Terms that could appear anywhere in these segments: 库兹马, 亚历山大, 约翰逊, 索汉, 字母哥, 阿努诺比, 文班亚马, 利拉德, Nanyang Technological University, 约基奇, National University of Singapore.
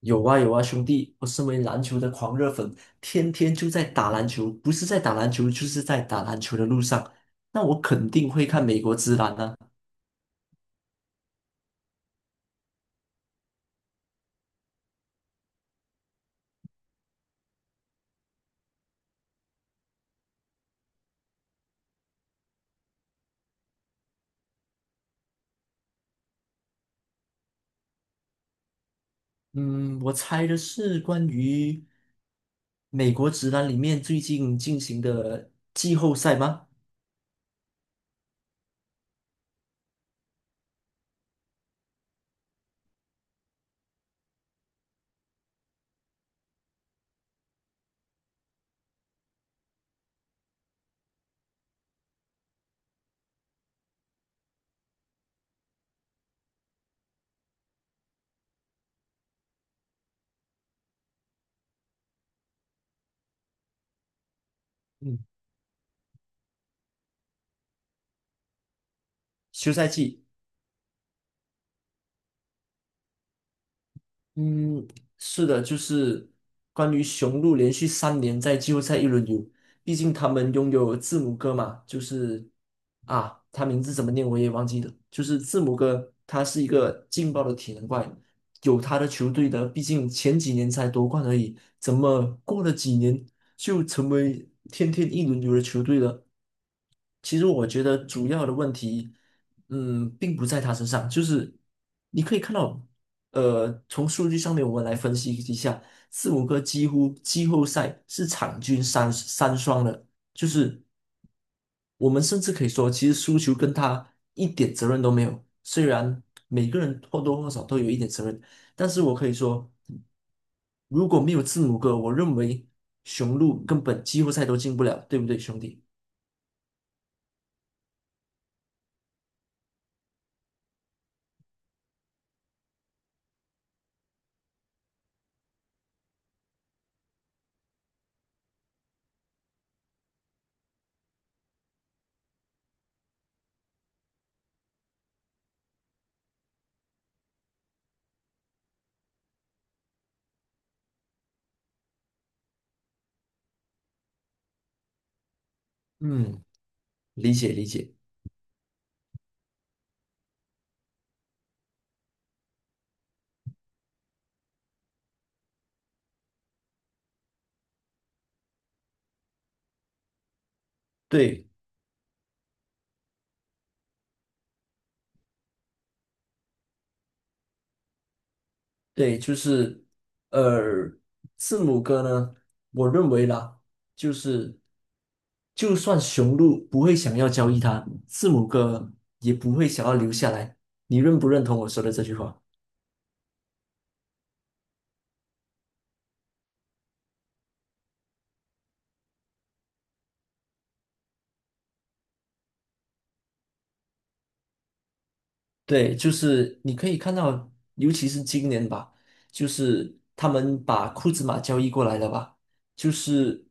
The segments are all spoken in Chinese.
有啊有啊，兄弟，我身为篮球的狂热粉，天天就在打篮球，不是在打篮球，就是在打篮球的路上。那我肯定会看美国职篮啊。嗯，我猜的是关于美国职篮里面最近进行的季后赛吗？嗯，休赛季。嗯，是的，就是关于雄鹿连续三年在季后赛一轮游，毕竟他们拥有字母哥嘛，他名字怎么念我也忘记了，就是字母哥，他是一个劲爆的体能怪，有他的球队的，毕竟前几年才夺冠而已，怎么过了几年就成为天天一轮游的球队了。其实我觉得主要的问题，并不在他身上，就是你可以看到，从数据上面我们来分析一下，字母哥几乎季后赛是场均三三双的，就是。我们甚至可以说，其实输球跟他一点责任都没有。虽然每个人或多或少都有一点责任，但是我可以说，如果没有字母哥，我认为雄鹿根本季后赛都进不了，对不对，兄弟？嗯，理解理解，对对，呃，字母哥呢，我认为啦，就是就算雄鹿不会想要交易他，字母哥也不会想要留下来。你认不认同我说的这句话？对，就是你可以看到，尤其是今年吧，就是他们把库兹马交易过来了吧，就是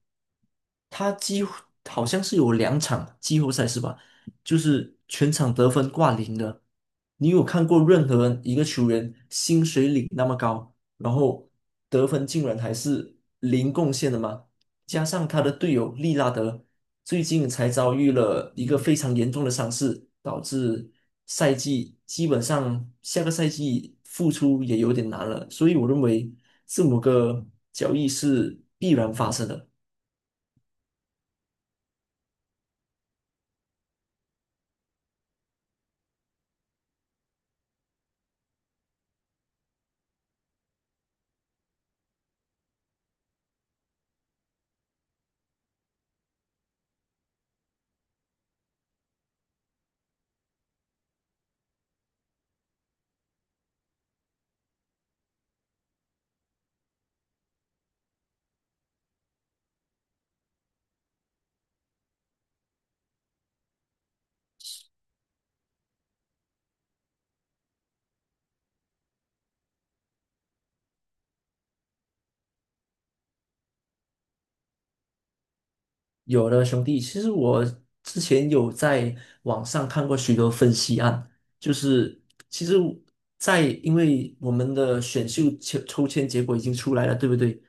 他几乎好像是有两场季后赛是吧？就是全场得分挂零的。你有看过任何一个球员薪水领那么高，然后得分竟然还是零贡献的吗？加上他的队友利拉德最近才遭遇了一个非常严重的伤势，导致赛季基本上下个赛季复出也有点难了。所以我认为字母哥交易是必然发生的。有的兄弟，其实我之前有在网上看过许多分析案，就是其实在，因为我们的选秀抽签结果已经出来了，对不对？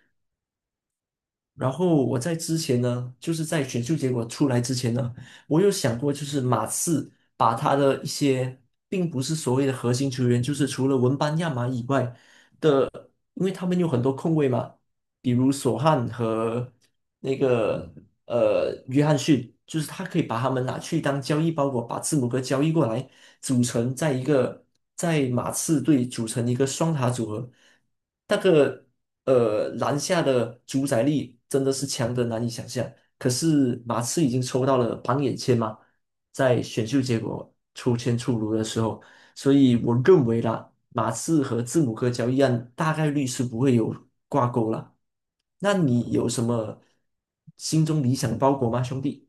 然后我在之前呢，就是在选秀结果出来之前呢，我有想过，就是马刺把他的一些并不是所谓的核心球员，就是除了文班亚马以外的，因为他们有很多控卫嘛，比如索汉和那个约翰逊，就是他可以把他们拿去当交易包裹，把字母哥交易过来，组成在一个在马刺队组成一个双塔组合。那个篮下的主宰力真的是强得难以想象。可是马刺已经抽到了榜眼签嘛，在选秀结果抽签出炉的时候，所以我认为啦，马刺和字母哥交易案大概率是不会有挂钩了。那你有什么心中理想包裹吗，兄弟？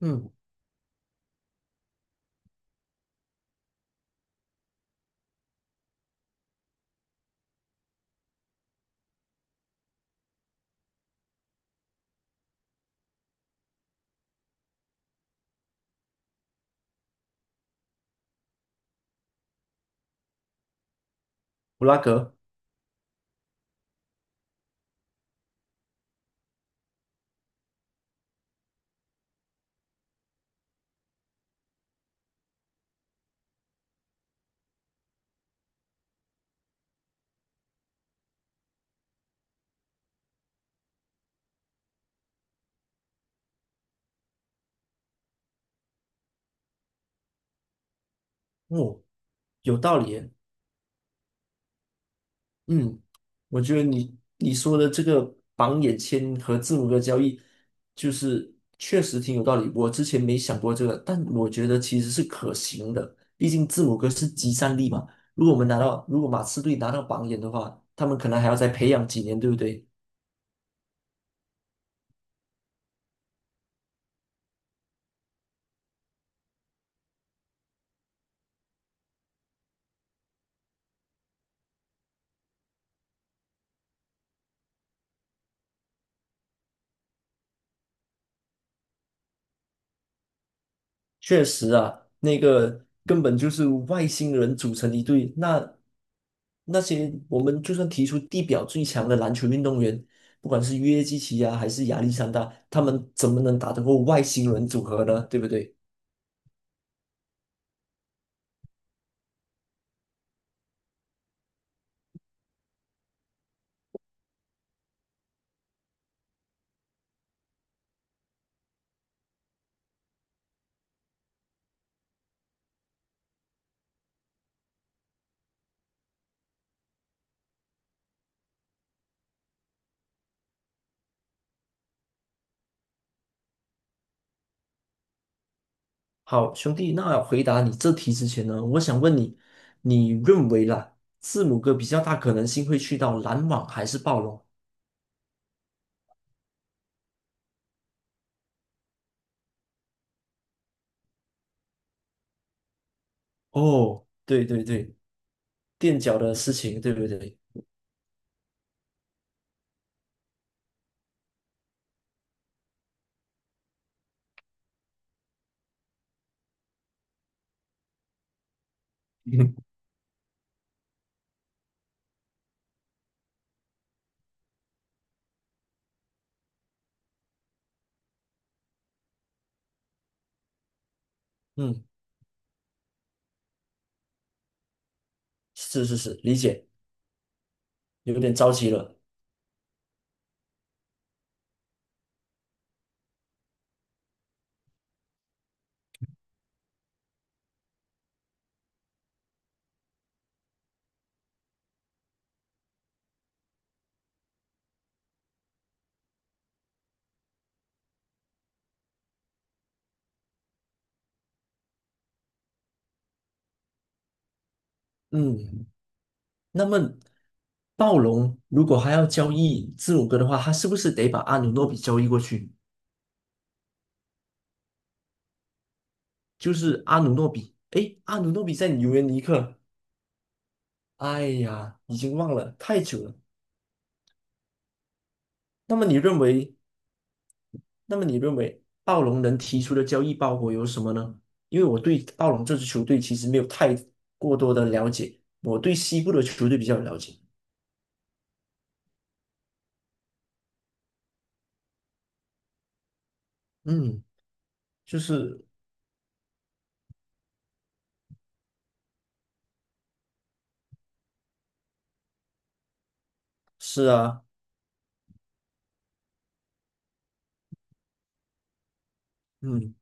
嗯，布拉格。哦，有道理耶。嗯，我觉得你说的这个榜眼签和字母哥交易，就是确实挺有道理。我之前没想过这个，但我觉得其实是可行的。毕竟字母哥是集散力嘛。如果我们拿到，如果马刺队拿到榜眼的话，他们可能还要再培养几年，对不对？确实啊，那个根本就是外星人组成一队。那那些我们就算提出地表最强的篮球运动员，不管是约基奇啊，还是亚历山大，他们怎么能打得过外星人组合呢？对不对？好，兄弟，那回答你这题之前呢，我想问你，你认为啦，字母哥比较大可能性会去到篮网还是暴龙？哦，对对对，垫脚的事情，对不对？嗯，是是是，理解，有点着急了。嗯，那么暴龙如果还要交易字母哥的话，他是不是得把阿努诺比交易过去？就是阿努诺比，诶，阿努诺比在尤文尼克，哎呀，已经忘了，太久了。那么你认为，那么你认为暴龙能提出的交易包裹有什么呢？因为我对暴龙这支球队其实没有太过多的了解，我对西部的球队比较了解。嗯，就是是啊，嗯。